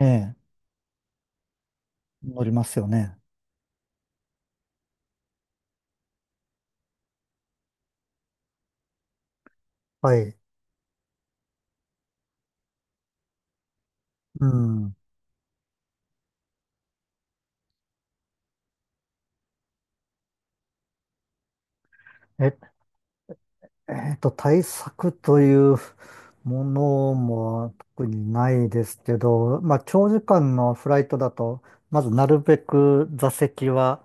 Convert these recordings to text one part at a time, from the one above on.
ええ、乗りますよね。はい。うん。え、対策というものも特にないですけど、まあ、長時間のフライトだと、まずなるべく座席は、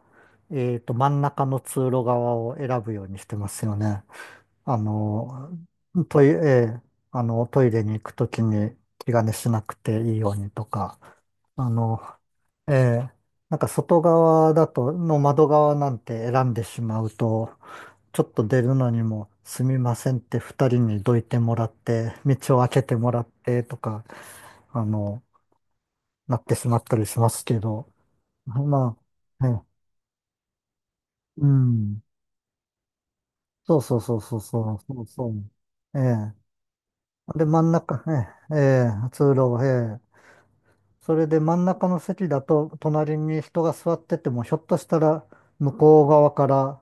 真ん中の通路側を選ぶようにしてますよね。あの、トイレ、ええあの、トイレに行くときに気兼ねしなくていいようにとか、あの、ええなんか外側だと、の窓側なんて選んでしまうと、ちょっと出るのにもすみませんって二人にどいてもらって、道を開けてもらってとか、あの、なってしまったりしますけど、まあ、ええ、うん、そうそうそうそうそう、そうそう、ええ。で、真ん中、ええ、ええ通路、ええ。それで真ん中の席だと、隣に人が座ってても、ひょっとしたら向こう側から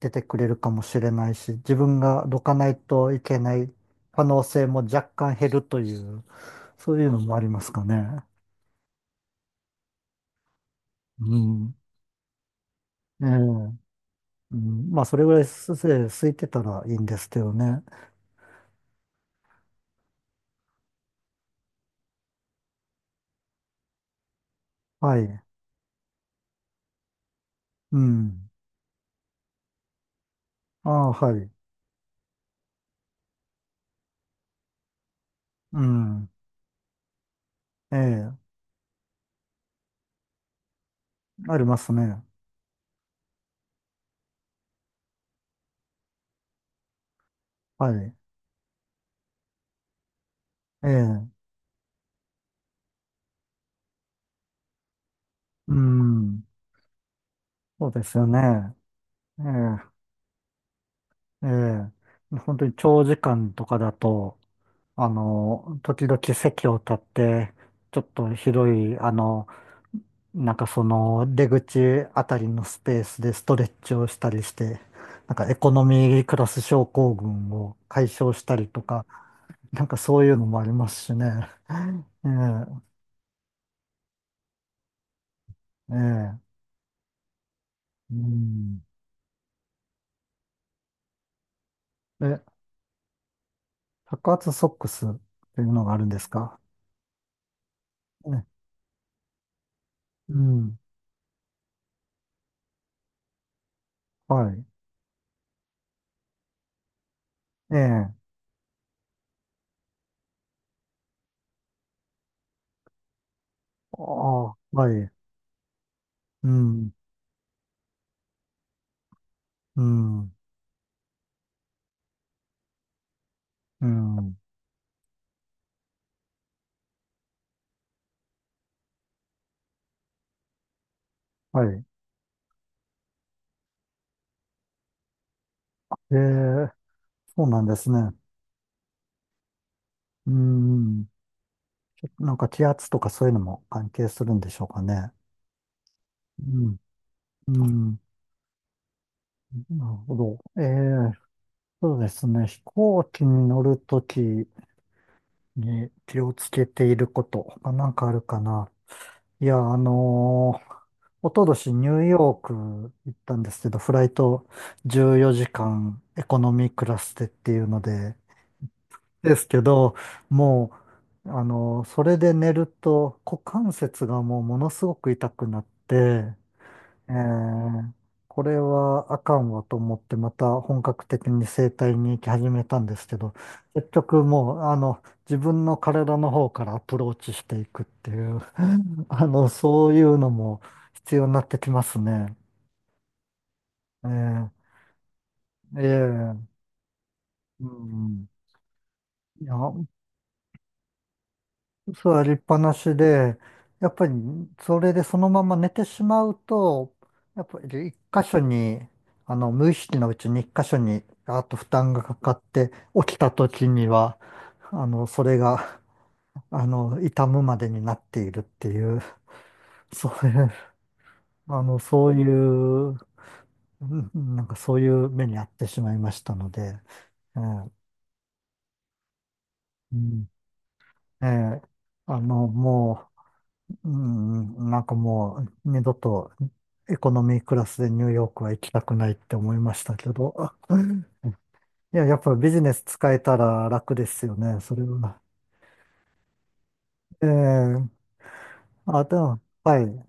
出てくれるかもしれないし、自分がどかないといけない可能性も若干減るという、そういうのもありますかね。うん。ええ、うん、まあ、それぐらいす、ええ空いてたらいいんですけどね。はい。うん。ああ、はい。うん。ええ、ありますね。はい。ええ。うん、そうですよね。ええ、ええ。本当に長時間とかだと、時々席を立って、ちょっと広い、あの、なんかその出口あたりのスペースでストレッチをしたりして、なんかエコノミークラス症候群を解消したりとか、なんかそういうのもありますしね。ええ、ええ、うん。え、白髪ソックスっていうのがあるんですか？ええ、うん。はい。ええ。ああ、はい。うん、うん、うん。はい。ええ、そうなんですね。うん。なんか気圧とかそういうのも関係するんでしょうかね。うん、うん。なるほど。ええ、そうですね。飛行機に乗るときに気をつけていることがなんかあるかな。いや、おととしニューヨーク行ったんですけど、フライト14時間エコノミークラスでっていうので、ですけど、もう、それで寝ると股関節がもうものすごく痛くなって、えー、これはあかんわと思ってまた本格的に整体に行き始めたんですけど、結局もう自分の体の方からアプローチしていくっていう、そういうのも必要になってきますね。えーえーうん、いや、座りっぱなしで、やっぱりそれでそのまま寝てしまうと、やっぱり一箇所に、無意識のうちに一箇所に、あと負担がかかって、起きた時には、あの、それが、あの、痛むまでになっているっていう、そういう、あの、そういう、うん、なんかそういう目に遭ってしまいましたので、ええ、うん、ええ、もう、うん、なんかもう二度とエコノミークラスでニューヨークは行きたくないって思いましたけど。いや、やっぱビジネス使えたら楽ですよね、それは。ええ。あ、でも、はい。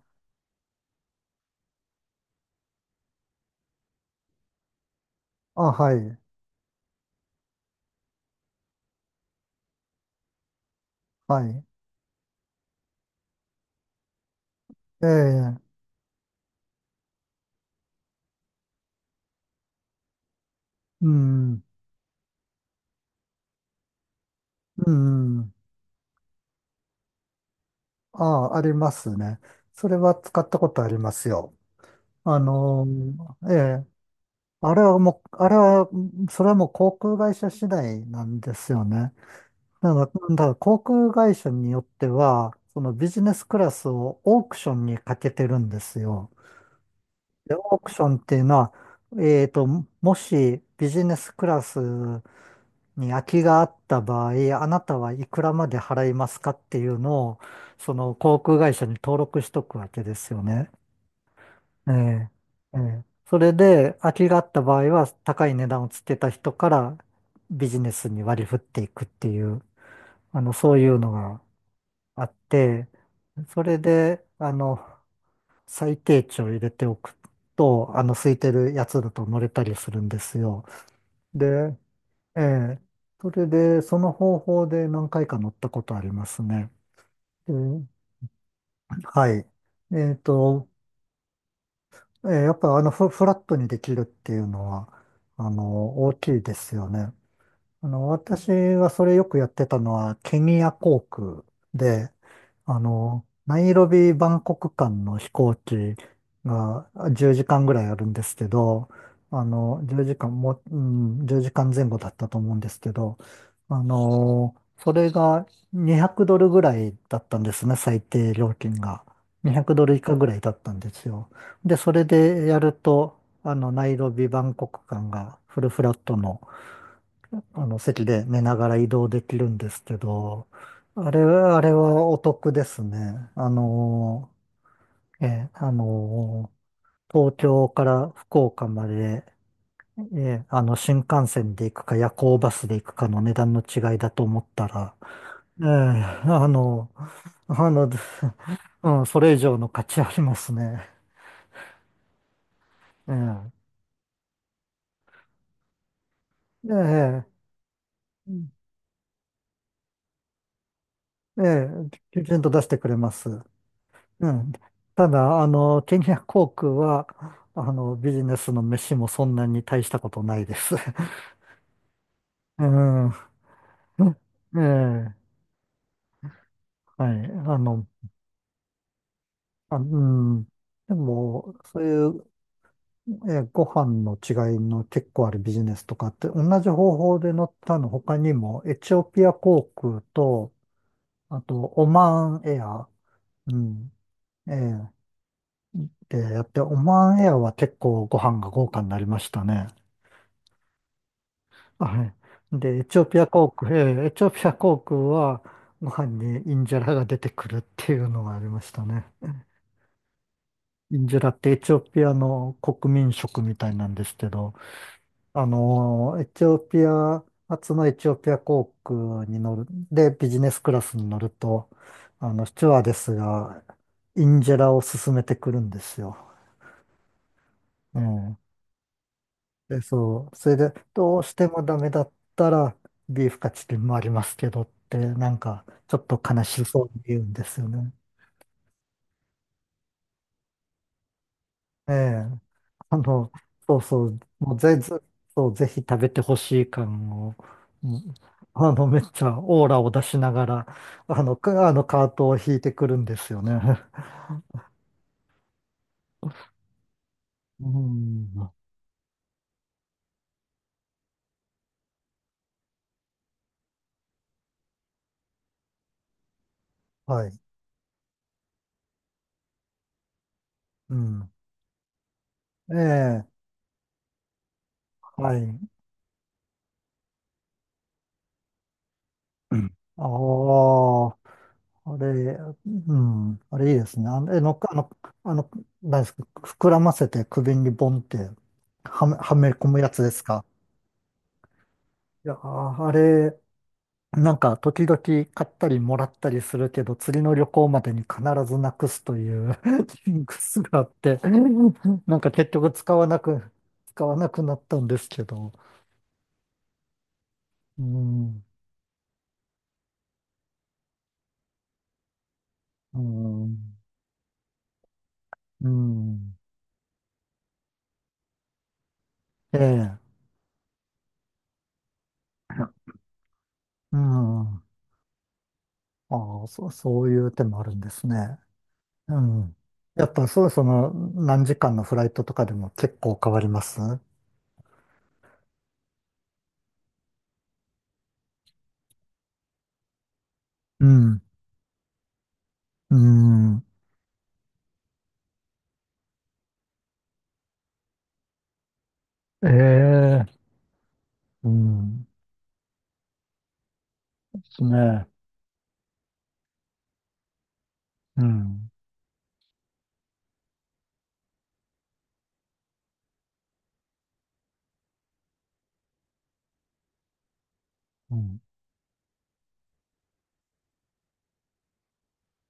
あ、はい。はい。ええ、うん。うん。あ、ありますね。それは使ったことありますよ。あのー、ええあれはもう、あれは、それはもう航空会社次第なんですよね。だかだから航空会社によっては、そのビジネスクラスをオークションにかけてるんですよ。で、オークションっていうのは、えーと、もしビジネスクラスに空きがあった場合、あなたはいくらまで払いますかっていうのを、その航空会社に登録しとくわけですよね。ええ、ええ。それで、空きがあった場合は、高い値段をつけた人からビジネスに割り振っていくっていう、そういうのがあって、それで、最低値を入れておくと、空いてるやつだと乗れたりするんですよ。で、ええ、それで、その方法で何回か乗ったことありますね。で、はい。えっと、やっぱフラットにできるっていうのは、大きいですよね。私がそれよくやってたのは、ケニア航空で、ナイロビ、バンコク間の飛行機が10時間ぐらいあるんですけど、10時間も、うん、1時間前後だったと思うんですけど、それが200ドルぐらいだったんですね、最低料金が。200ドル以下ぐらいだったんですよ。で、それでやると、ナイロビ、バンコク間がフルフラットの席で寝ながら移動できるんですけど、あれはお得ですね。ええあの東京から福岡まで、新幹線で行くか夜行バスで行くかの値段の違いだと思ったら、ええあの、あの、うん、それ以上の価値ありますね。えー、ええうんえきちんと出してくれます。うん。ただ、ケニア航空は、ビジネスの飯もそんなに大したことないです。うん。ええ、はい。あの、あ、うん。でも、そういう、ご飯の違いの結構あるビジネスとかって、同じ方法で乗ったの他にも、エチオピア航空と、あと、オマーンエア、うん、ええ、でやって、オマーンエアは結構ご飯が豪華になりましたね。はい。で、エチオピア航空はご飯にインジェラが出てくるっていうのがありましたね。インジェラってエチオピアの国民食みたいなんですけど、エチオピア初のエチオピア航空に乗る、で、ビジネスクラスに乗ると、スチュワーデスがインジェラを勧めてくるんですよ。えええ、そう。それで、どうしてもダメだったら、ビーフカツでもありますけどって、なんか、ちょっと悲しそうに言うんですよね。ええ。あの、そうそう。もうぜ、ずそう、ぜひ食べてほしい感を、もうめっちゃオーラを出しながら、あのカートを引いてくるんですよね。うん。はい。うん。ええ。はい。うん。ああ。あれ、うん、あれいいですね。あの、え、のっか、あの、あの、何ですか、膨らませて首にボンってはめ込むやつですか？いやー、ああれ、なんか時々買ったりもらったりするけど、次の旅行までに必ずなくすという ジンク スがあって、なんか結局使わなくなったんですけど、うん、うん、うん、ええ、うん、ああ、そういう手もあるんですね。うん。やっぱそう、その、何時間のフライトとかでも結構変わります。うん。うん。ええ、うん。ですね。うん。うん。